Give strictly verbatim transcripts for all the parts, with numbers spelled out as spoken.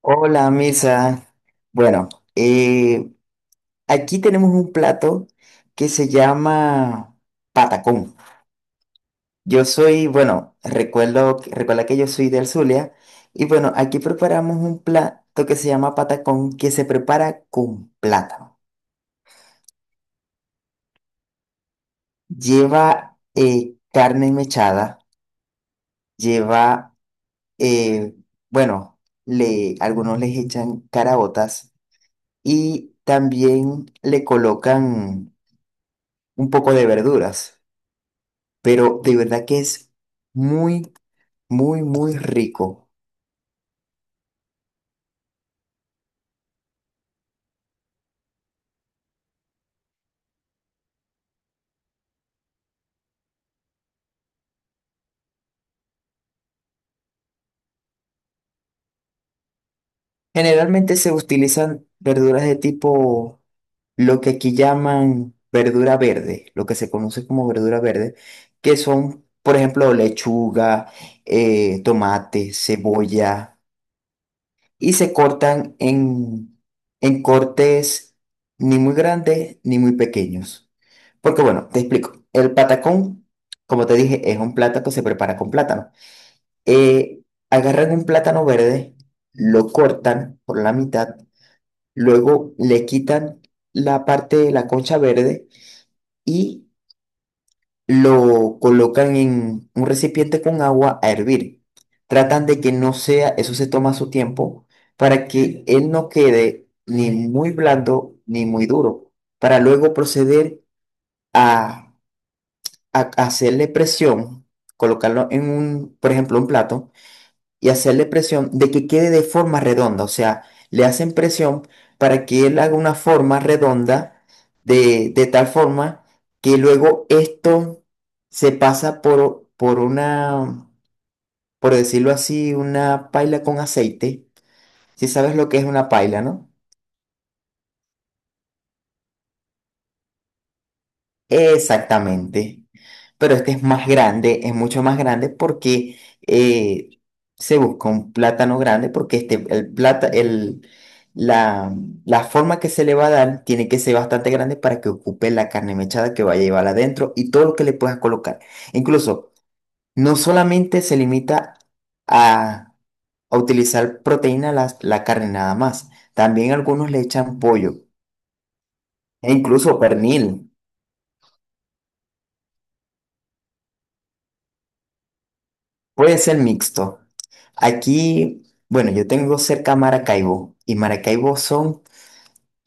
Hola, Misa. Bueno, eh, aquí tenemos un plato que se llama patacón. Yo soy, bueno, recuerdo, recuerda que yo soy del Zulia y bueno, aquí preparamos un plato que se llama patacón que se prepara con plátano. Lleva eh, carne mechada, lleva, eh, bueno, le, algunos les echan caraotas y también le colocan un poco de verduras. Pero de verdad que es muy, muy, muy rico. Generalmente se utilizan verduras de tipo, lo que aquí llaman verdura verde, lo que se conoce como verdura verde, que son, por ejemplo, lechuga, eh, tomate, cebolla, y se cortan en, en cortes ni muy grandes ni muy pequeños. Porque bueno, te explico, el patacón, como te dije, es un plato que se prepara con plátano. eh, agarran un plátano verde, lo cortan por la mitad, luego le quitan la parte de la concha verde y lo colocan en un recipiente con agua a hervir. Tratan de que no sea, eso se toma su tiempo, para que él no quede ni muy blando ni muy duro, para luego proceder a, a hacerle presión, colocarlo en un, por ejemplo, un plato y hacerle presión de que quede de forma redonda. O sea, le hacen presión para que él haga una forma redonda de, de tal forma que luego esto se pasa por, por una, por decirlo así, una paila con aceite. Si sabes lo que es una paila, ¿no? Exactamente. Pero este es más grande, es mucho más grande porque eh, se busca un plátano grande porque este, el plata, el, la, la forma que se le va a dar tiene que ser bastante grande para que ocupe la carne mechada que vaya a llevar adentro y todo lo que le puedas colocar. Incluso, no solamente se limita a, a utilizar proteína la, la carne nada más, también algunos le echan pollo e incluso pernil. Puede ser mixto. Aquí, bueno, yo tengo cerca Maracaibo y Maracaibo son,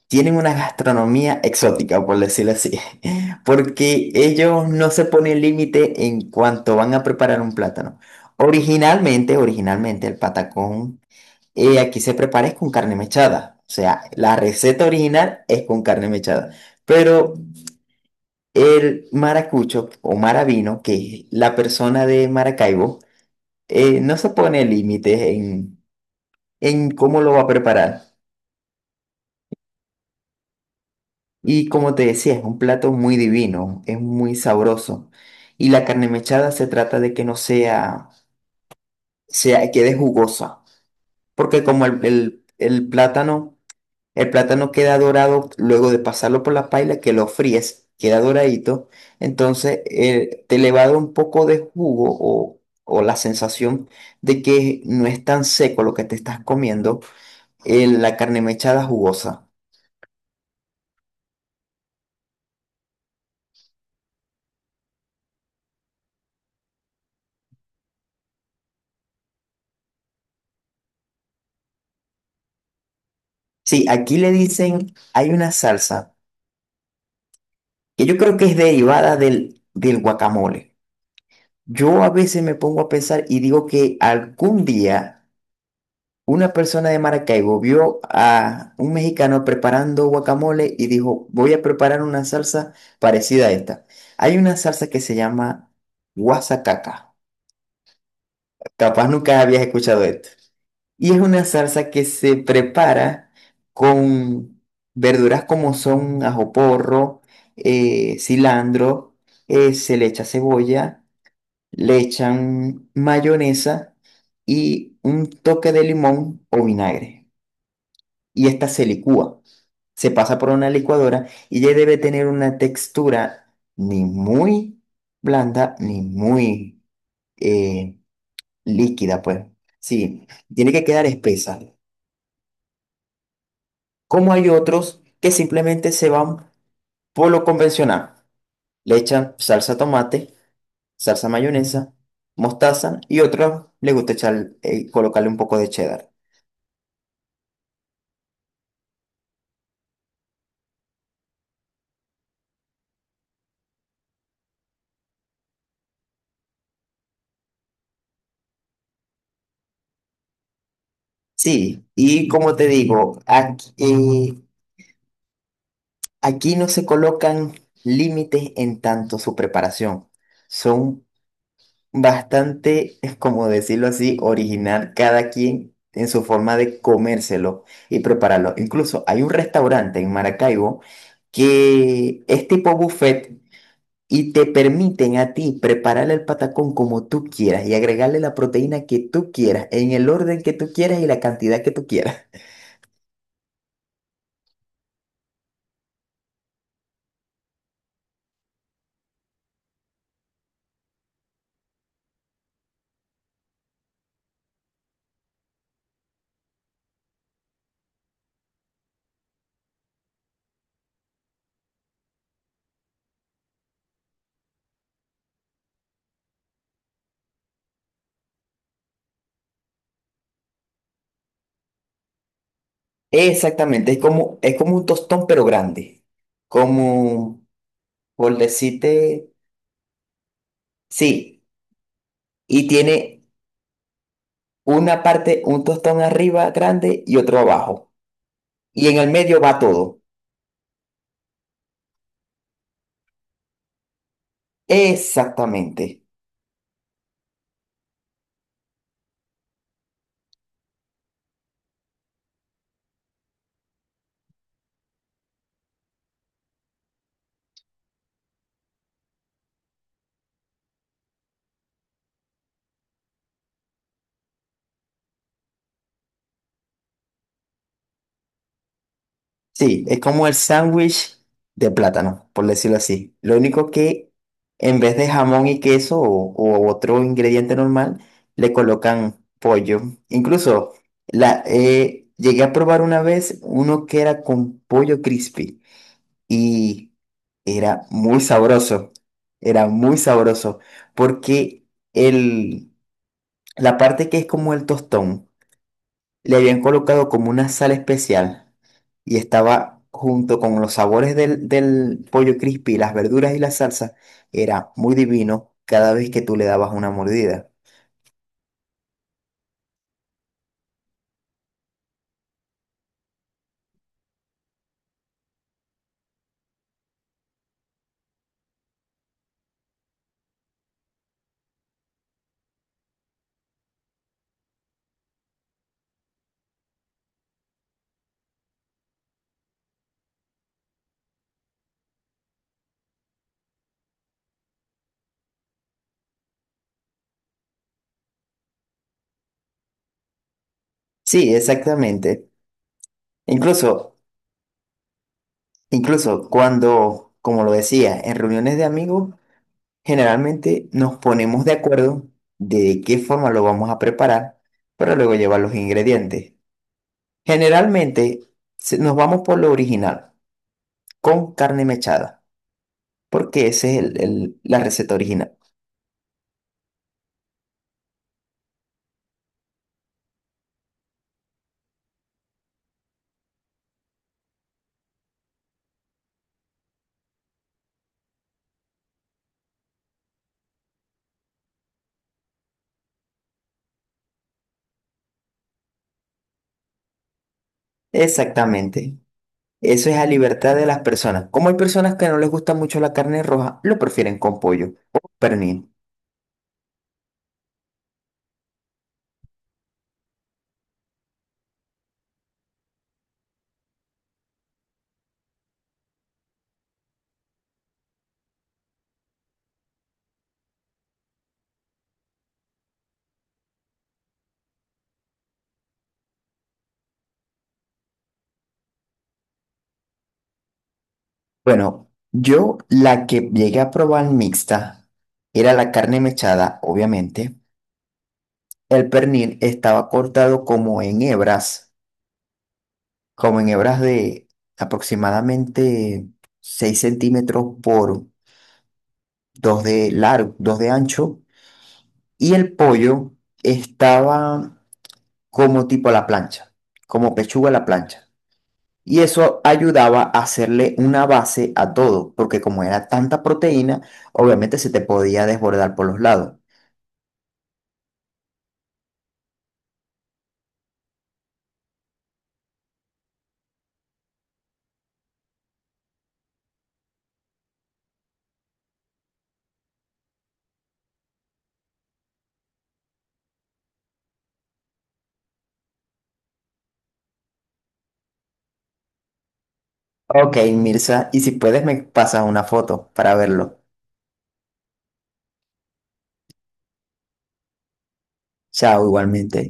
tienen una gastronomía exótica, por decirlo así, porque ellos no se ponen límite en cuanto van a preparar un plátano. Originalmente, originalmente el patacón eh, aquí se prepara es con carne mechada, o sea, la receta original es con carne mechada, pero el maracucho o maravino, que es la persona de Maracaibo, eh, no se pone límites en en cómo lo va a preparar. Y como te decía, es un plato muy divino, es muy sabroso. Y la carne mechada se trata de que no sea, sea, quede jugosa, porque como el, el- el plátano, el plátano queda dorado luego de pasarlo por la paila, que lo fríes, queda doradito, entonces eh, te le va a dar un poco de jugo o, o la sensación de que no es tan seco lo que te estás comiendo, eh, la carne mechada jugosa. Sí, aquí le dicen, hay una salsa que yo creo que es derivada del, del guacamole. Yo a veces me pongo a pensar y digo que algún día una persona de Maracaibo vio a un mexicano preparando guacamole y dijo, voy a preparar una salsa parecida a esta. Hay una salsa que se llama guasacaca. Capaz nunca habías escuchado esto. Y es una salsa que se prepara con verduras como son ajo porro, eh, cilantro, eh, se le echa cebolla, le echan mayonesa y un toque de limón o vinagre. Y esta se licúa, se pasa por una licuadora y ya debe tener una textura ni muy blanda ni muy eh, líquida, pues. Sí, tiene que quedar espesa. Como hay otros que simplemente se van por lo convencional. Le echan salsa tomate, salsa mayonesa, mostaza y otros le gusta echar, eh, colocarle un poco de cheddar. Sí, y como te digo, aquí, eh, aquí no se colocan límites en tanto su preparación. Son bastante, es como decirlo así, original cada quien en su forma de comérselo y prepararlo. Incluso hay un restaurante en Maracaibo que es tipo buffet y te permiten a ti preparar el patacón como tú quieras y agregarle la proteína que tú quieras, en el orden que tú quieras y la cantidad que tú quieras. Exactamente, es como, es como un tostón pero grande, como por decirte, sí, y tiene... una parte, un tostón arriba grande y otro abajo. Y en el medio va todo. Exactamente. Sí, es como el sándwich de plátano, por decirlo así. Lo único que en vez de jamón y queso o, o otro ingrediente normal, le colocan pollo. Incluso la, eh, llegué a probar una vez uno que era con pollo crispy y era muy sabroso. Era muy sabroso porque el la parte que es como el tostón, le habían colocado como una sal especial y estaba junto con los sabores del, del pollo crispy, las verduras y la salsa, era muy divino cada vez que tú le dabas una mordida. Sí, exactamente. Incluso, incluso cuando, como lo decía, en reuniones de amigos, generalmente nos ponemos de acuerdo de qué forma lo vamos a preparar para luego llevar los ingredientes. Generalmente se- nos vamos por lo original. Con carne mechada, porque esa es el- el- la receta original. Exactamente. Eso es a libertad de las personas. Como hay personas que no les gusta mucho la carne roja, lo prefieren con pollo o pernil. Bueno, yo la que llegué a probar mixta era la carne mechada, obviamente. El pernil estaba cortado como en hebras, como en hebras de aproximadamente seis centímetros por dos de largo, dos de ancho. Y el pollo estaba como tipo a la plancha, como pechuga a la plancha. Y eso ayudaba a hacerle una base a todo, porque como era tanta proteína, obviamente se te podía desbordar por los lados. Ok, Mirza, y si puedes me pasas una foto para verlo. Chao, igualmente.